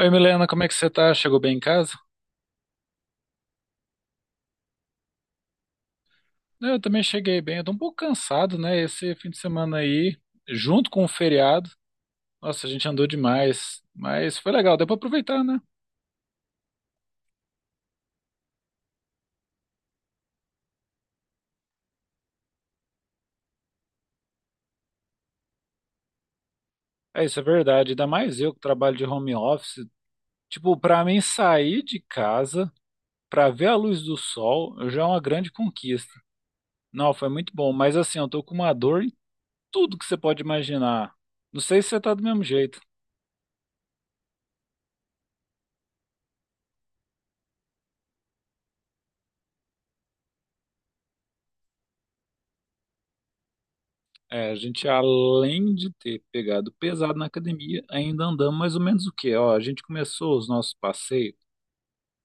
Oi, Milena, como é que você tá? Chegou bem em casa? Eu também cheguei bem. Eu tô um pouco cansado, né? Esse fim de semana aí, junto com o feriado. Nossa, a gente andou demais, mas foi legal, deu pra aproveitar, né? É, isso é verdade. Ainda mais eu que trabalho de home office. Tipo, pra mim sair de casa pra ver a luz do sol já é uma grande conquista. Não, foi muito bom, mas assim, eu tô com uma dor em tudo que você pode imaginar. Não sei se você tá do mesmo jeito. É, a gente, além de ter pegado pesado na academia, ainda andamos mais ou menos o quê? Ó, a gente começou os nossos passeios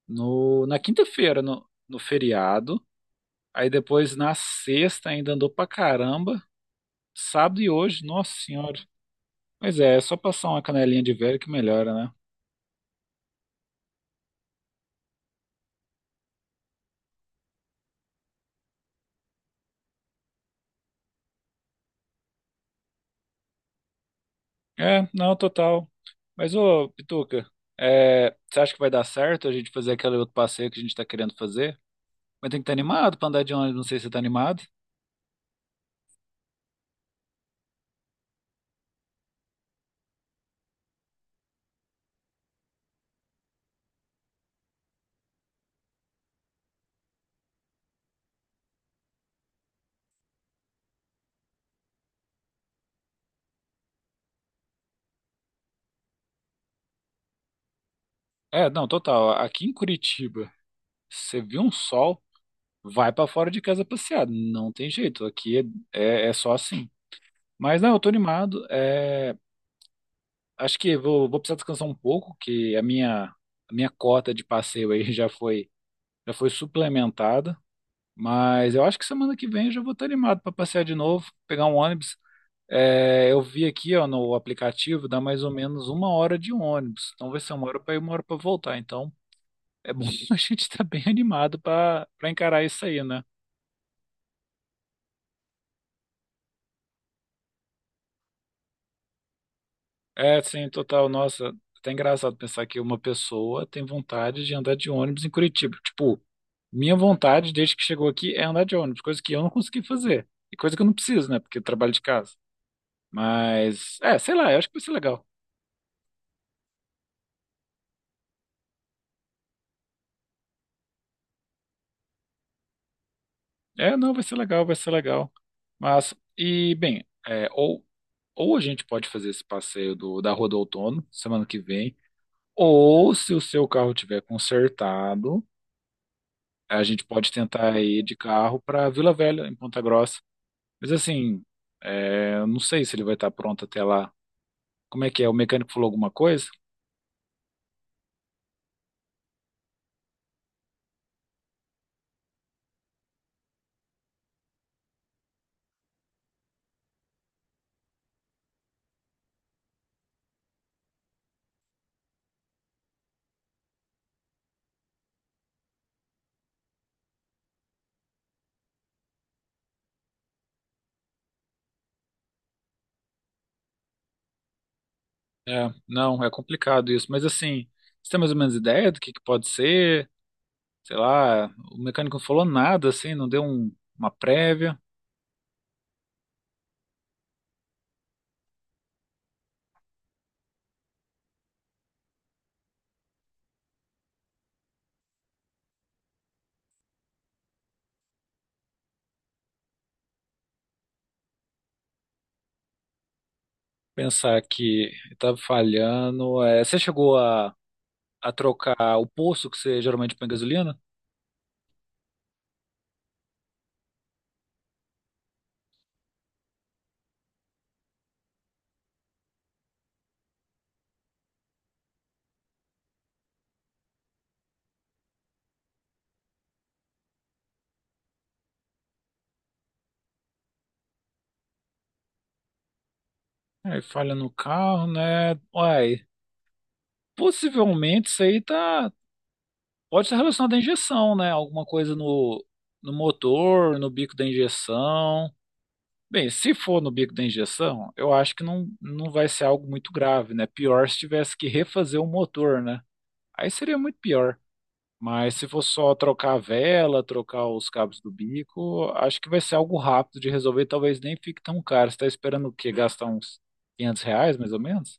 no, na quinta-feira, no feriado. Aí depois, na sexta, ainda andou pra caramba. Sábado e hoje, nossa senhora. Mas é só passar uma canelinha de velho que melhora, né? É, não, total. Mas, ô, Pituca, é, você acha que vai dar certo a gente fazer aquele outro passeio que a gente tá querendo fazer? Mas tem que estar animado pra andar de ônibus, não sei se você tá animado. É, não, total. Aqui em Curitiba. Você viu um sol, vai pra fora de casa passear. Não tem jeito, aqui é, é só assim. Mas não, eu tô animado. É, acho que vou precisar descansar um pouco, que a minha cota de passeio aí já foi suplementada. Mas eu acho que semana que vem eu já vou estar animado pra passear de novo, pegar um ônibus. É, eu vi aqui, ó, no aplicativo, dá mais ou menos uma hora de ônibus. Então vai ser uma hora pra ir, uma hora pra voltar. Então é bom a gente estar bem animado pra para encarar isso aí, né? É, sim, total. Nossa, até engraçado pensar que uma pessoa tem vontade de andar de ônibus em Curitiba. Tipo, minha vontade desde que chegou aqui é andar de ônibus, coisa que eu não consegui fazer. E coisa que eu não preciso, né? Porque eu trabalho de casa. Mas, é, sei lá, eu acho que vai ser legal. É, não, vai ser legal, vai ser legal. Mas, e, bem, é, ou a gente pode fazer esse passeio da Rua do Outono semana que vem, ou se o seu carro tiver consertado, a gente pode tentar ir de carro para Vila Velha, em Ponta Grossa. Mas assim, é, eu não sei se ele vai estar pronto até lá. Como é que é? O mecânico falou alguma coisa? É, não, é complicado isso. Mas assim, você tem mais ou menos ideia do que pode ser? Sei lá, o mecânico não falou nada, assim, não deu uma prévia. Pensar que estava falhando. É, você chegou a, trocar o poço que você geralmente põe gasolina? Aí falha no carro, né? Uai, possivelmente isso aí tá. Pode ser relacionado à injeção, né? Alguma coisa no motor, no bico da injeção. Bem, se for no bico da injeção, eu acho que não vai ser algo muito grave, né? Pior se tivesse que refazer o motor, né? Aí seria muito pior. Mas se for só trocar a vela, trocar os cabos do bico, acho que vai ser algo rápido de resolver. Talvez nem fique tão caro. Você está esperando o quê? Gastar uns 500 reais, mais ou menos?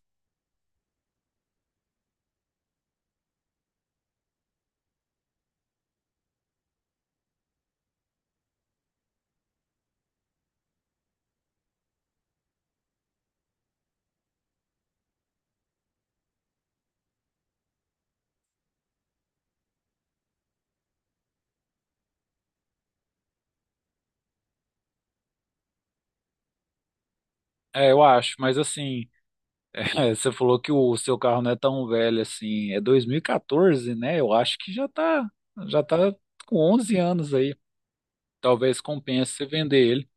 É, eu acho. Mas assim. É, você falou que o seu carro não é tão velho assim, é 2014, né? Eu acho que já tá com 11 anos aí. Talvez compense você vender ele,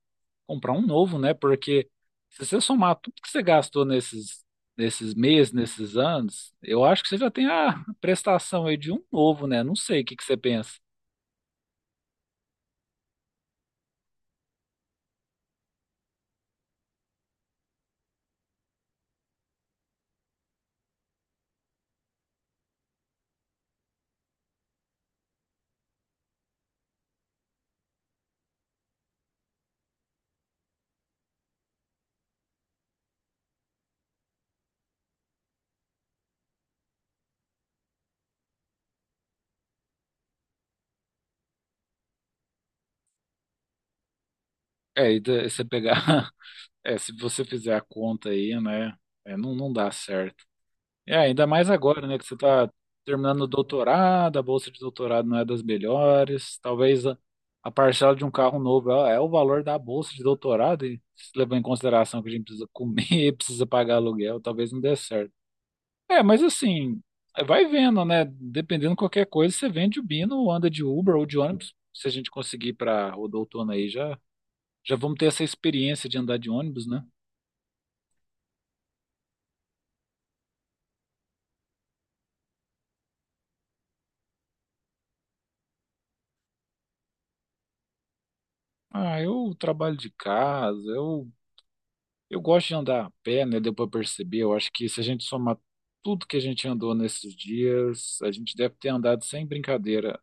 comprar um novo, né? Porque se você somar tudo que você gastou nesses meses, nesses anos, eu acho que você já tem a prestação aí de um novo, né? Não sei o que que você pensa. É, e você pegar, é, se você fizer a conta aí, né? É, não, não dá certo. É, ainda mais agora, né, que você está terminando o doutorado, a bolsa de doutorado não é das melhores, talvez a, parcela de um carro novo é o valor da bolsa de doutorado, e se levar em consideração que a gente precisa comer, precisa pagar aluguel, talvez não dê certo. É, mas assim, vai vendo, né, dependendo de qualquer coisa, você vende o Bino, ou anda de Uber ou de ônibus, se a gente conseguir para o outono aí, já vamos ter essa experiência de andar de ônibus, né? Ah, eu trabalho de casa, eu gosto de andar a pé, né? Deu para perceber. Eu acho que se a gente somar tudo que a gente andou nesses dias, a gente deve ter andado sem brincadeira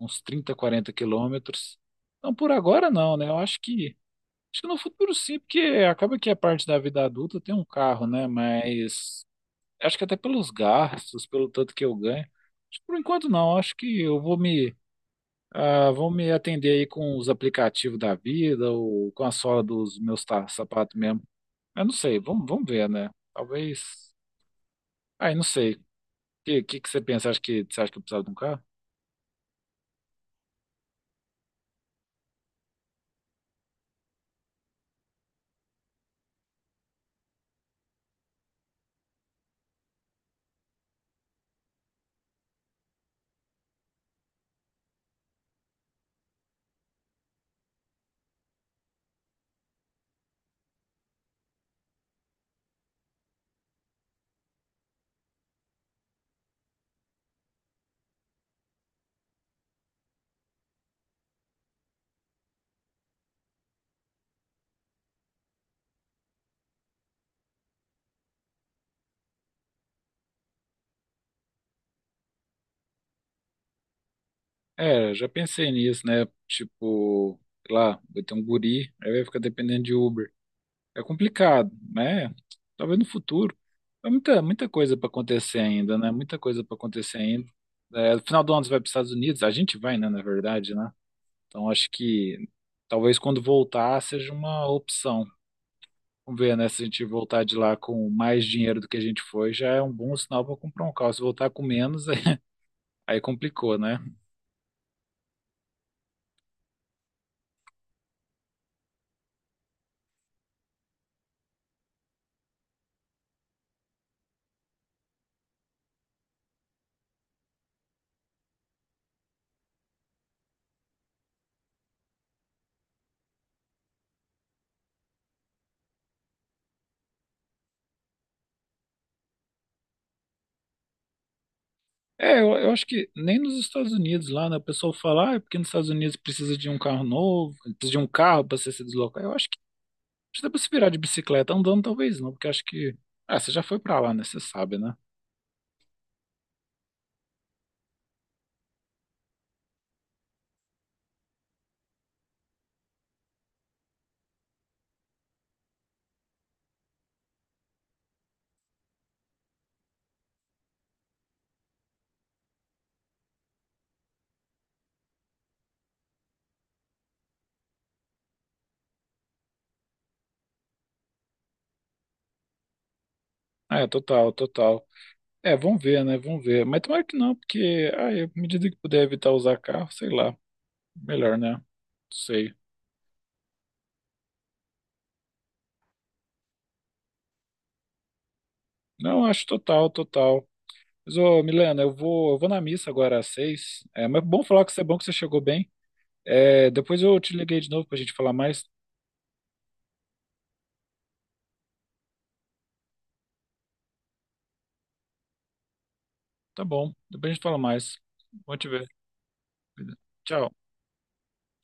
uns 30 40 quilômetros. Não por agora, não, né? Eu acho que no futuro sim, porque acaba que a parte da vida adulta tem um carro, né? Mas acho que até pelos gastos, pelo tanto que eu ganho, acho que por enquanto não. Acho que eu vou me atender aí com os aplicativos da vida ou com a sola dos meus sapatos mesmo. Eu não sei, vamos ver, né? Talvez. Ai, não sei. O que você pensa? Acho que, você acha que eu precisava de um carro? É, já pensei nisso, né? Tipo, sei lá, vai ter um guri, aí vai ficar dependendo de Uber. É complicado, né? Talvez no futuro. É muita, muita coisa para acontecer ainda, né? Muita coisa para acontecer ainda. É, no final do ano você vai para os Estados Unidos, a gente vai, né? Na verdade, né? Então acho que talvez quando voltar seja uma opção. Vamos ver, né? Se a gente voltar de lá com mais dinheiro do que a gente foi, já é um bom sinal para comprar um carro. Se voltar com menos, aí complicou, né? É, eu acho que nem nos Estados Unidos lá, né? O pessoal fala, ah, é porque nos Estados Unidos precisa de um carro novo, precisa de um carro para você se deslocar. Eu acho que precisa para se virar de bicicleta andando, talvez não, porque eu acho que. Ah, você já foi para lá, né? Você sabe, né? Ah, é, total, total. É, vamos ver, né? Vamos ver. Mas tomara que não, porque, ah, é, à medida que puder evitar usar carro, sei lá, melhor, né? Sei. Não, acho total, total. Mas, ô, Milena, eu vou na missa agora às 6h. É, mas é bom falar que você é bom que você chegou bem. É, depois eu te liguei de novo pra gente falar mais. Tá bom, depois a gente fala mais. Bom te ver. Tchau.